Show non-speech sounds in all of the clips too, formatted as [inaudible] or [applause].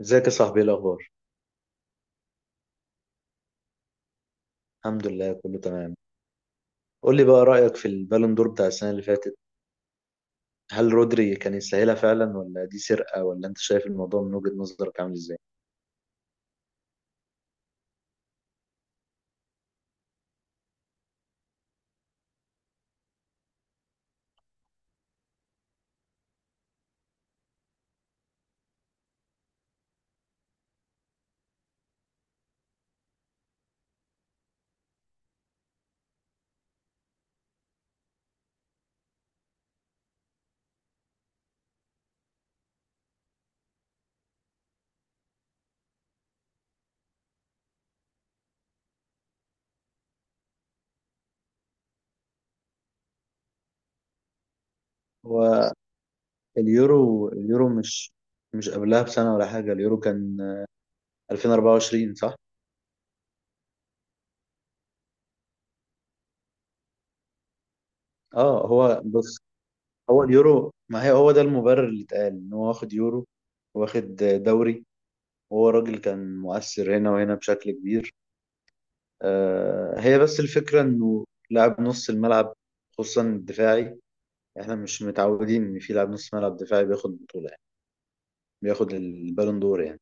ازيك يا صاحبي؟ ايه الاخبار؟ الحمد لله كله تمام. قول لي بقى رايك في البالون دور بتاع السنه اللي فاتت. هل رودري كان يستاهلها فعلا ولا دي سرقه؟ ولا انت شايف الموضوع من وجهه نظرك عامل ازاي؟ هو اليورو مش قبلها بسنه ولا حاجه، اليورو كان 2024 صح؟ اه هو بص، هو اليورو، ما هي هو ده المبرر اللي اتقال، ان هو واخد يورو، واخد دوري، وهو راجل كان مؤثر هنا وهنا بشكل كبير. هي بس الفكرة انه لاعب نص الملعب، خصوصا الدفاعي. احنا مش متعودين ان في لاعب نص ملعب دفاعي بياخد بطولة يعني، بياخد البالون دور يعني.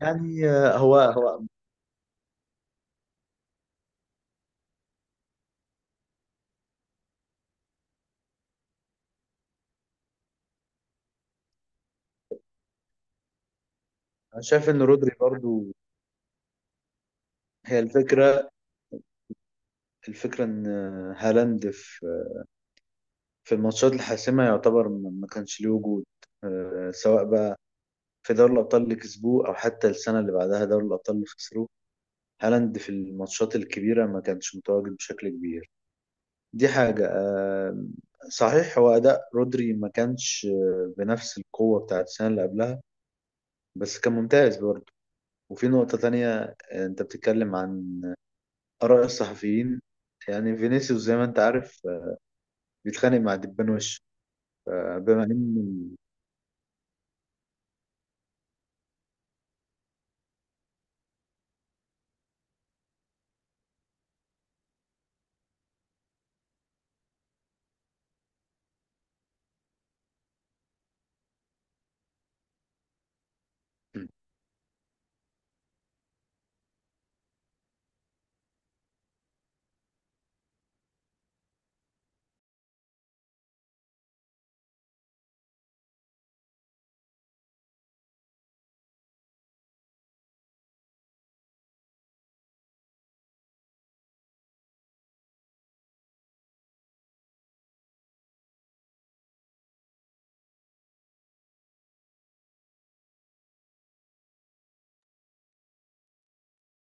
يعني هو أنا شايف ان رودري برضو، هي الفكرة الفكرة ان هالاند في في الماتشات الحاسمة يعتبر ما كانش ليه وجود. سواء بقى في دوري الابطال اللي كسبوه او حتى السنة اللي بعدها دوري الابطال اللي خسروه، هالاند في الماتشات الكبيرة ما كانش متواجد بشكل كبير. دي حاجة. صحيح هو أداء رودري ما كانش بنفس القوة بتاعت السنة اللي قبلها، بس كان ممتاز برضه. وفي نقطة تانية، أنت بتتكلم عن آراء الصحفيين. يعني فينيسيوس زي ما أنت عارف بيتخانق مع دبان وش. بما إن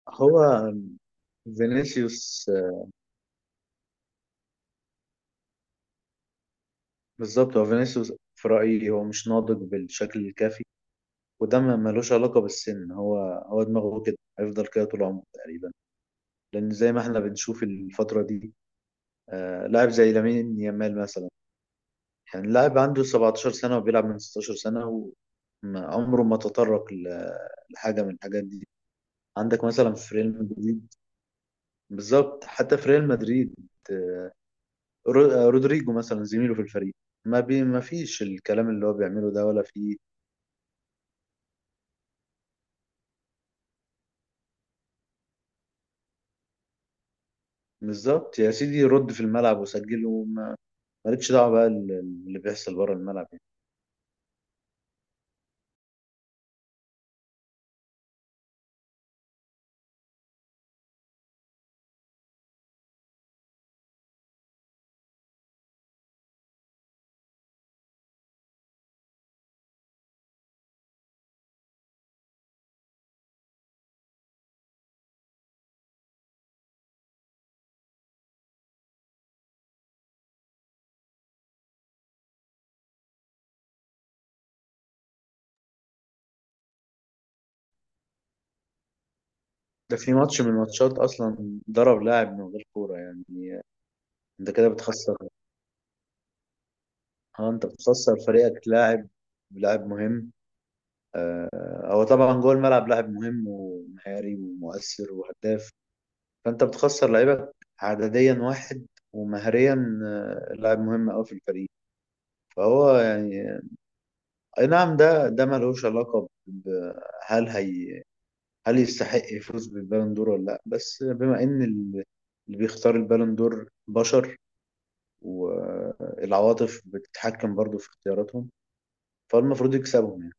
هو فينيسيوس، بالظبط هو فينيسيوس في رأيي هو مش ناضج بالشكل الكافي. وده ما ملوش علاقة بالسن، هو دماغه كده، هيفضل كده طول عمره تقريبا. لأن زي ما احنا بنشوف الفترة دي، لاعب زي لامين يامال مثلا، يعني لاعب عنده 17 سنة وبيلعب من 16 سنة، وعمره ما تطرق لحاجة من الحاجات دي. عندك مثلا في ريال مدريد، بالظبط حتى في ريال مدريد، آه، رودريجو مثلا زميله في الفريق، ما فيش الكلام اللي هو بيعمله ده ولا فيه. بالظبط يا سيدي، رد في الملعب وسجل، مالكش دعوة بقى اللي بيحصل بره الملعب يعني. ده في ماتش من الماتشات اصلا ضرب لاعب من غير كورة يعني. انت كده بتخسر، اه انت بتخسر فريقك لاعب، لاعب مهم. هو طبعا جوه الملعب لاعب مهم ومهاري ومؤثر وهداف، فانت بتخسر لعيبك عدديا واحد، ومهريا لاعب مهم قوي في الفريق. فهو يعني، اي نعم، ده ملوش علاقة هل هي، هل يستحق يفوز بالبالون دور ولا لا؟ بس بما ان اللي بيختار البالون دور بشر، والعواطف بتتحكم برضو في اختياراتهم، فالمفروض يكسبهم يعني.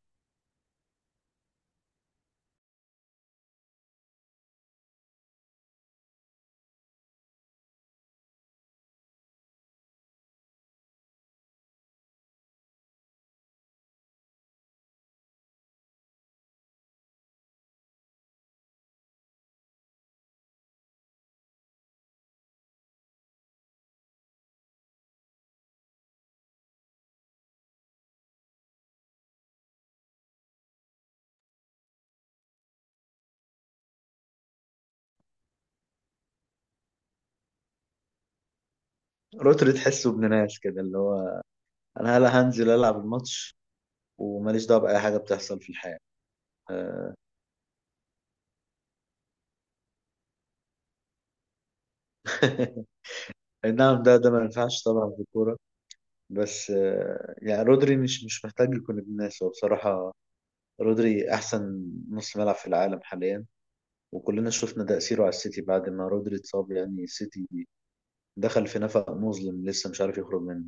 روتري تحسه ابن ناس كده، اللي هو انا هلا هنزل العب الماتش، وماليش دعوه باي حاجه بتحصل في الحياه. آه، [laughs] اي نعم، ده ما ينفعش طبعا في الكوره. بس يعني رودري مش محتاج يكون ابن ناس هو بصراحه. رودري احسن نص ملعب في العالم حاليا، وكلنا شفنا تأثيره على السيتي بعد ما رودري اتصاب. يعني السيتي دخل في نفق مظلم لسه مش عارف يخرج منه.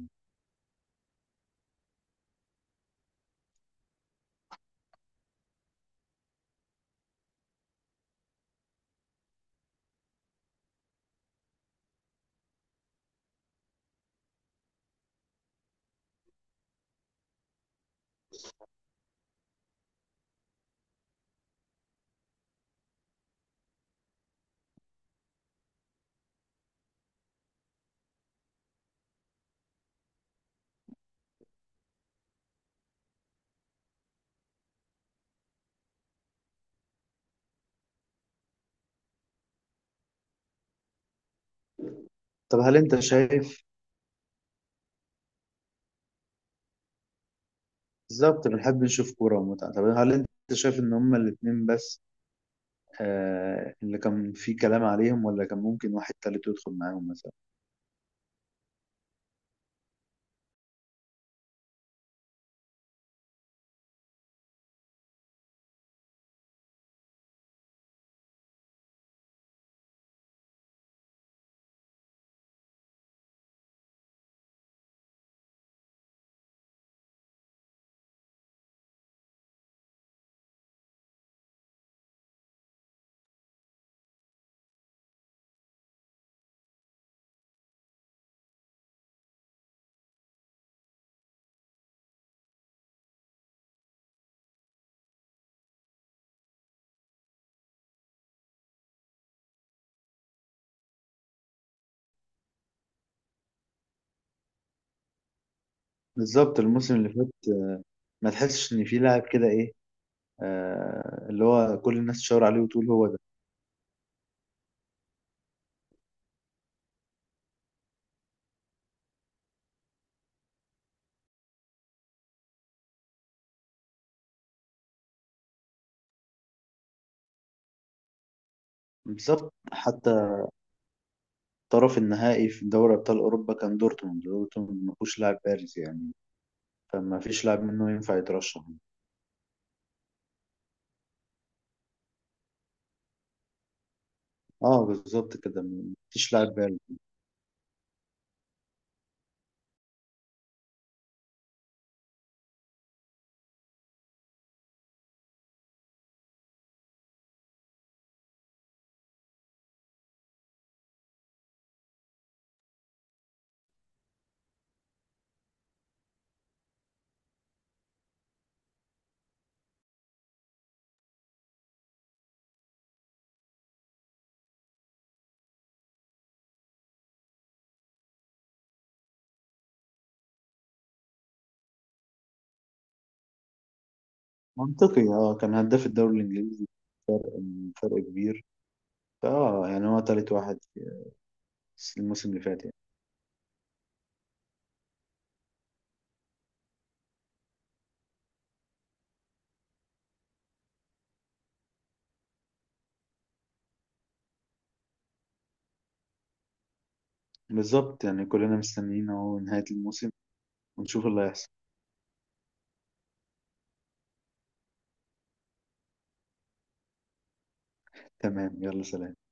طب هل انت شايف بالظبط بنحب نشوف كوره ومتعه. طب هل انت شايف ان هما الاتنين بس آه اللي كان فيه كلام عليهم؟ ولا كان ممكن واحد تالت يدخل معاهم مثلا؟ بالظبط الموسم اللي فات، ما تحسش ان في لاعب كده ايه، آه اللي هو كل الناس تشاور عليه وتقول هو ده. بالظبط. حتى طرف النهائي في دوري ابطال اوروبا كان دورتموند، دورتموند ما فيهوش لاعب بارز يعني، فما فيش لاعب منه ينفع يترشح. اه بالظبط كده، ما فيش لاعب بارز. منطقي، اه كان هداف الدوري الانجليزي، كان فرق كبير. فاه يعني هو تالت واحد في الموسم اللي فات يعني. بالظبط. يعني كلنا مستنيين اهو نهاية الموسم ونشوف اللي هيحصل. تمام، يلا سلام.